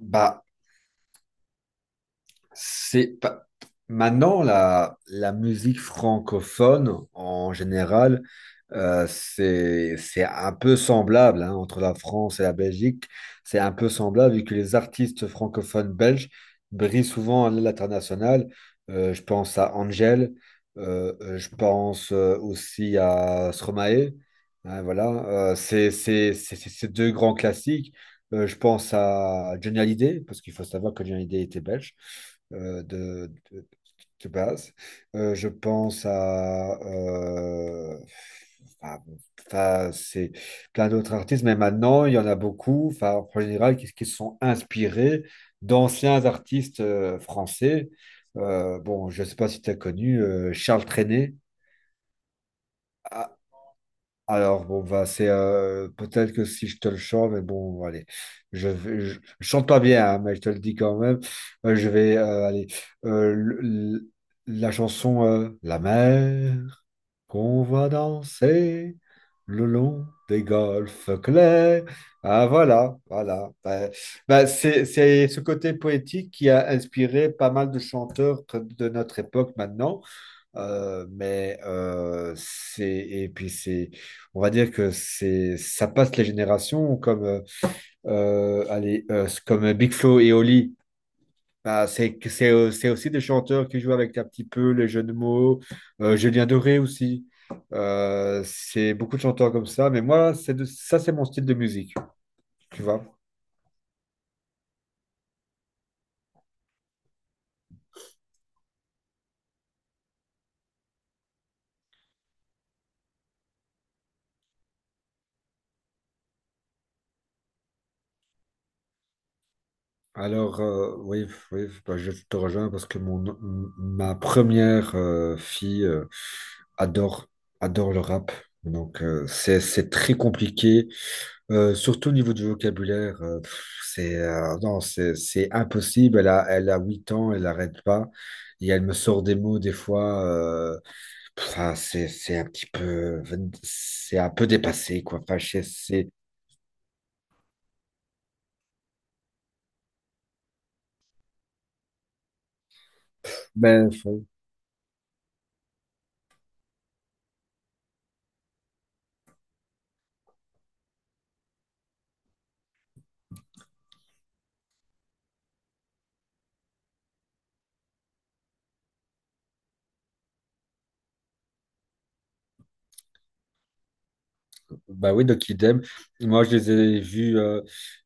Bah, c'est pas- Maintenant la musique francophone en général, c'est un peu semblable, hein, entre la France et la Belgique. C'est un peu semblable vu que les artistes francophones belges brillent souvent à l'international. Je pense à Angèle, je pense, aussi à Stromae. Hein, voilà. C'est deux grands classiques. Je pense à Johnny Hallyday, parce qu'il faut savoir que Johnny Hallyday était belge, euh, de, de- de base. Je pense à... ah, bon, enfin, c'est plein d'autres artistes, mais maintenant, il y en a beaucoup, enfin, en général, qui se sont inspirés d'anciens artistes, français. Bon, je ne sais pas si tu as connu, Charles Trenet. Ah, alors, bon, bah, c'est, peut-être que si je te le chante, mais bon, allez, je chante pas bien, hein, mais je te le dis quand même. Je vais, allez, euh, le- le- la chanson, La mer, qu'on va danser le long des golfes clairs. Ah, voilà, voilà. Bah, bah, c'est ce côté poétique qui a inspiré pas mal de chanteurs de notre époque maintenant. Mais c'est Et puis c'est on va dire que c'est ça passe les générations, comme, allez, comme Big Flo et Oli. Bah, c'est que- c'est C'est aussi des chanteurs qui jouent avec un petit peu les jeux de mots. Julien Doré aussi. C'est beaucoup de chanteurs comme ça, mais moi ça c'est mon style de musique, tu vois. Alors, oui, oui, bah, je te rejoins, parce que ma première, fille, adore, adore le rap. Donc, c'est très compliqué. Surtout au niveau du vocabulaire. Non, c'est impossible. Elle a 8 ans, elle n'arrête pas. Et elle me sort des mots des fois. Ah, c'est un petit peu, c'est un peu dépassé, quoi. Ben, enfin, bah oui, donc idem. Moi, je les ai vus, euh,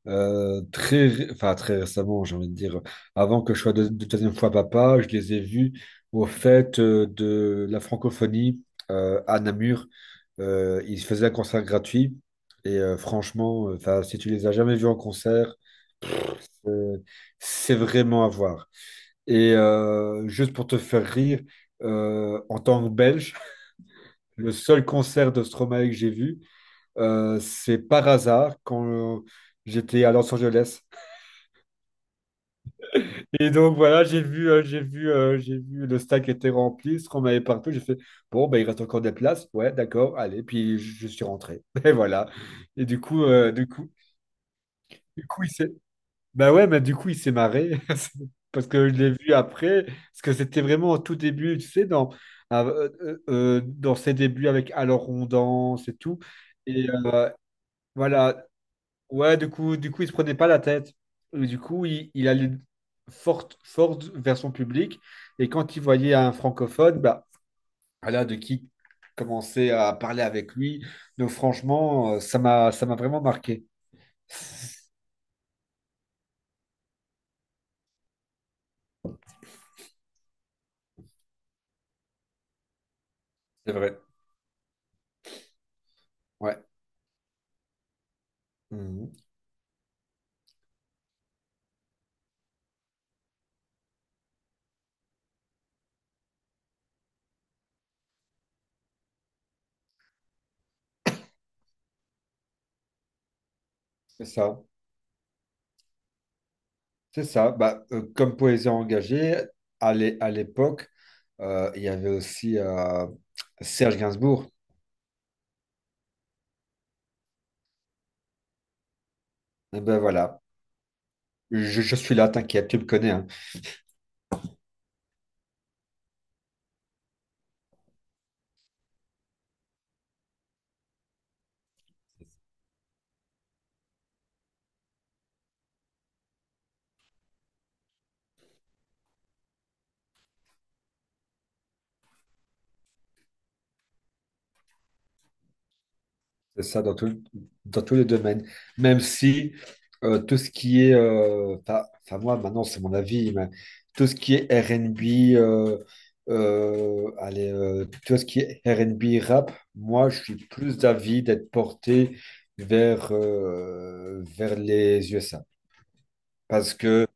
euh, très, ré- enfin, très récemment, j'ai envie de dire. Avant que je sois deuxième fois papa, je les ai vus au fait, de la francophonie, à Namur. Ils faisaient un concert gratuit. Et, franchement, enfin, si tu les as jamais vus en concert, euh, c'est vraiment à voir. Et, juste pour te faire rire, en tant que Belge, le seul concert de Stromae que j'ai vu, c'est par hasard quand, euh, j'étais à Los Angeles. Et donc voilà, j'ai vu le stack était rempli, ce qu'on m'avait partout. J'ai fait, bon, ben, il reste encore des places. Ouais, d'accord, allez. Puis je suis rentré. Et voilà. Et du coup, il s'est... Bah ouais, mais du coup, il s'est marré. Parce que je l'ai vu après. Parce que c'était vraiment au tout début, tu sais, dans ses débuts avec Alors on danse et tout. Et, voilà. Ouais, du coup, il se prenait pas la tête. Et du coup, il allait fort, fort vers son public. Et quand il voyait un francophone, bah, voilà, de qui commencer à parler avec lui. Donc, franchement, ça m'a vraiment marqué. C'est vrai. Ouais. Mhm. C'est ça. C'est ça. Bah, comme poésie engagée, à l'époque, il y avait aussi, Serge Gainsbourg. Et ben voilà. Je suis là, t'inquiète, tu me connais, hein. C'est ça dans tout, dans tous les domaines. Même si, tout ce qui est, enfin moi maintenant c'est mon avis, mais tout ce qui est R&B, allez, tout ce qui est R&B rap, moi je suis plus d'avis d'être porté vers les USA. Parce que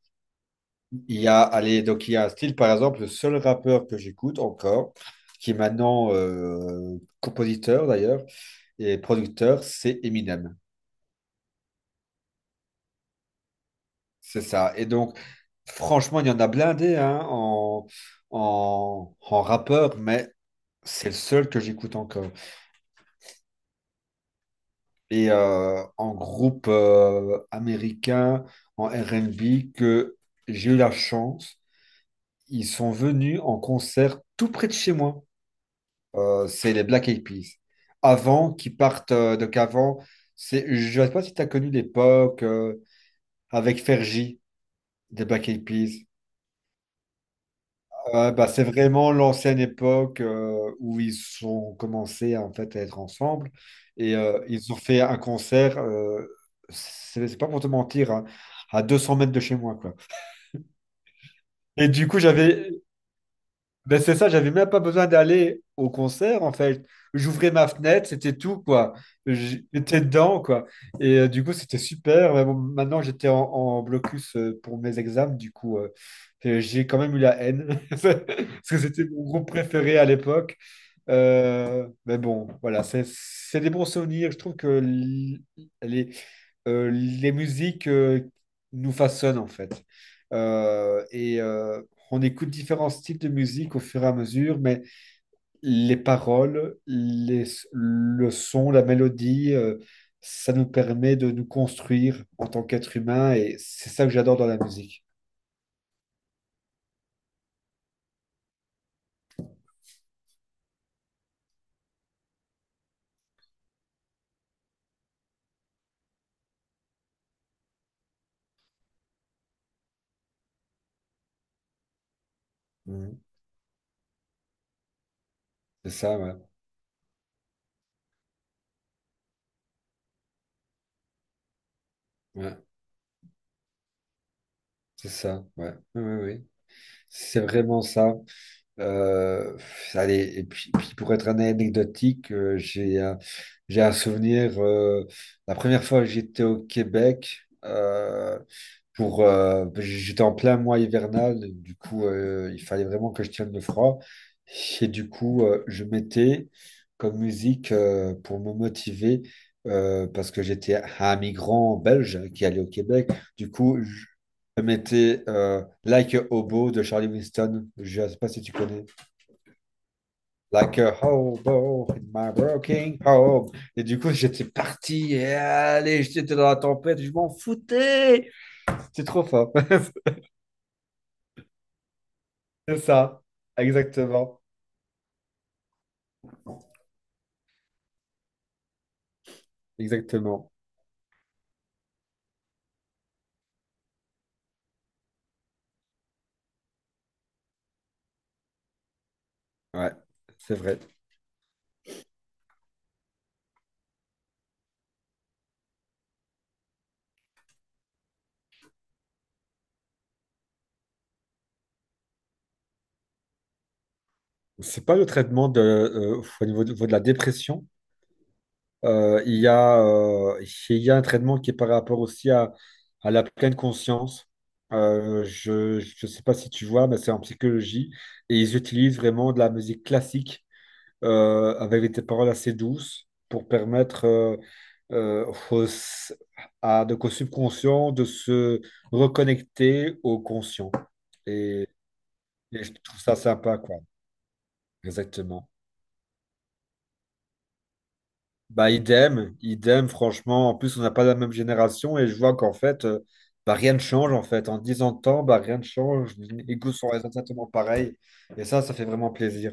il y a, allez, donc il y a un style, par exemple, le seul rappeur que j'écoute encore, qui est maintenant, compositeur d'ailleurs et producteur, c'est Eminem. C'est ça. Et donc, franchement, il y en a blindé, hein, en rappeur, mais c'est le seul que j'écoute encore. Et, en groupe, américain, en R&B, que j'ai eu la chance, ils sont venus en concert tout près de chez moi. C'est les Black Eyed Peas. Avant qu'ils partent, donc avant, je ne sais pas si tu as connu l'époque, avec Fergie des Black Eyed Peas. Bah, c'est vraiment l'ancienne époque, où ils ont commencé en fait à être ensemble, et, ils ont fait un concert. C'est pas pour te mentir, hein, à 200 mètres de chez moi, quoi. Et du coup, j'avais Ben c'est ça, j'avais même pas besoin d'aller au concert en fait. J'ouvrais ma fenêtre, c'était tout, quoi. J'étais dedans, quoi. Et, du coup, c'était super. Mais bon, maintenant, j'étais en blocus, pour mes examens. Du coup, j'ai quand même eu la haine parce que c'était mon groupe préféré à l'époque. Mais bon, voilà, c'est des bons souvenirs. Je trouve que les, les musiques, nous façonnent en fait. Euh, et euh, on écoute différents styles de musique au fur et à mesure, mais les paroles, les, le son, la mélodie, ça nous permet de nous construire en tant qu'être humain, et c'est ça que j'adore dans la musique. Mhm. C'est ça, ouais. Ouais. C'est ça, ouais. Oui, oui, oui. C'est vraiment ça. Euh, Allez, et puis pour être un anecdotique, j'ai un souvenir. La première fois que j'étais au Québec, j'étais en plein mois hivernal, du coup, il fallait vraiment que je tienne le froid. Et du coup, je mettais comme musique, pour me motiver, parce que j'étais un migrant belge qui allait au Québec. Du coup, je mettais, Like a Hobo de Charlie Winston. Je ne sais pas si tu connais. Like a hobo in my broken home. Et du coup, j'étais parti. Et allez, j'étais dans la tempête. Je m'en foutais. C'est trop fort. C'est ça. Exactement. Exactement. Ouais, c'est vrai. C'est pas le traitement au niveau de la dépression. Euh, il y a, euh, il y a un traitement qui est par rapport aussi à la pleine conscience. Je ne sais pas si tu vois, mais c'est en psychologie. Et ils utilisent vraiment de la musique classique, avec des paroles assez douces pour permettre, aux- à donc au subconscient de se reconnecter au conscient. Et, et je trouve ça sympa, quoi. Exactement. Bah, idem, idem, franchement. En plus, on n'a pas la même génération, et je vois qu'en fait, bah, rien ne change, en fait. En 10 ans de temps, bah, rien ne change. Les goûts sont exactement pareils. Et ça fait vraiment plaisir.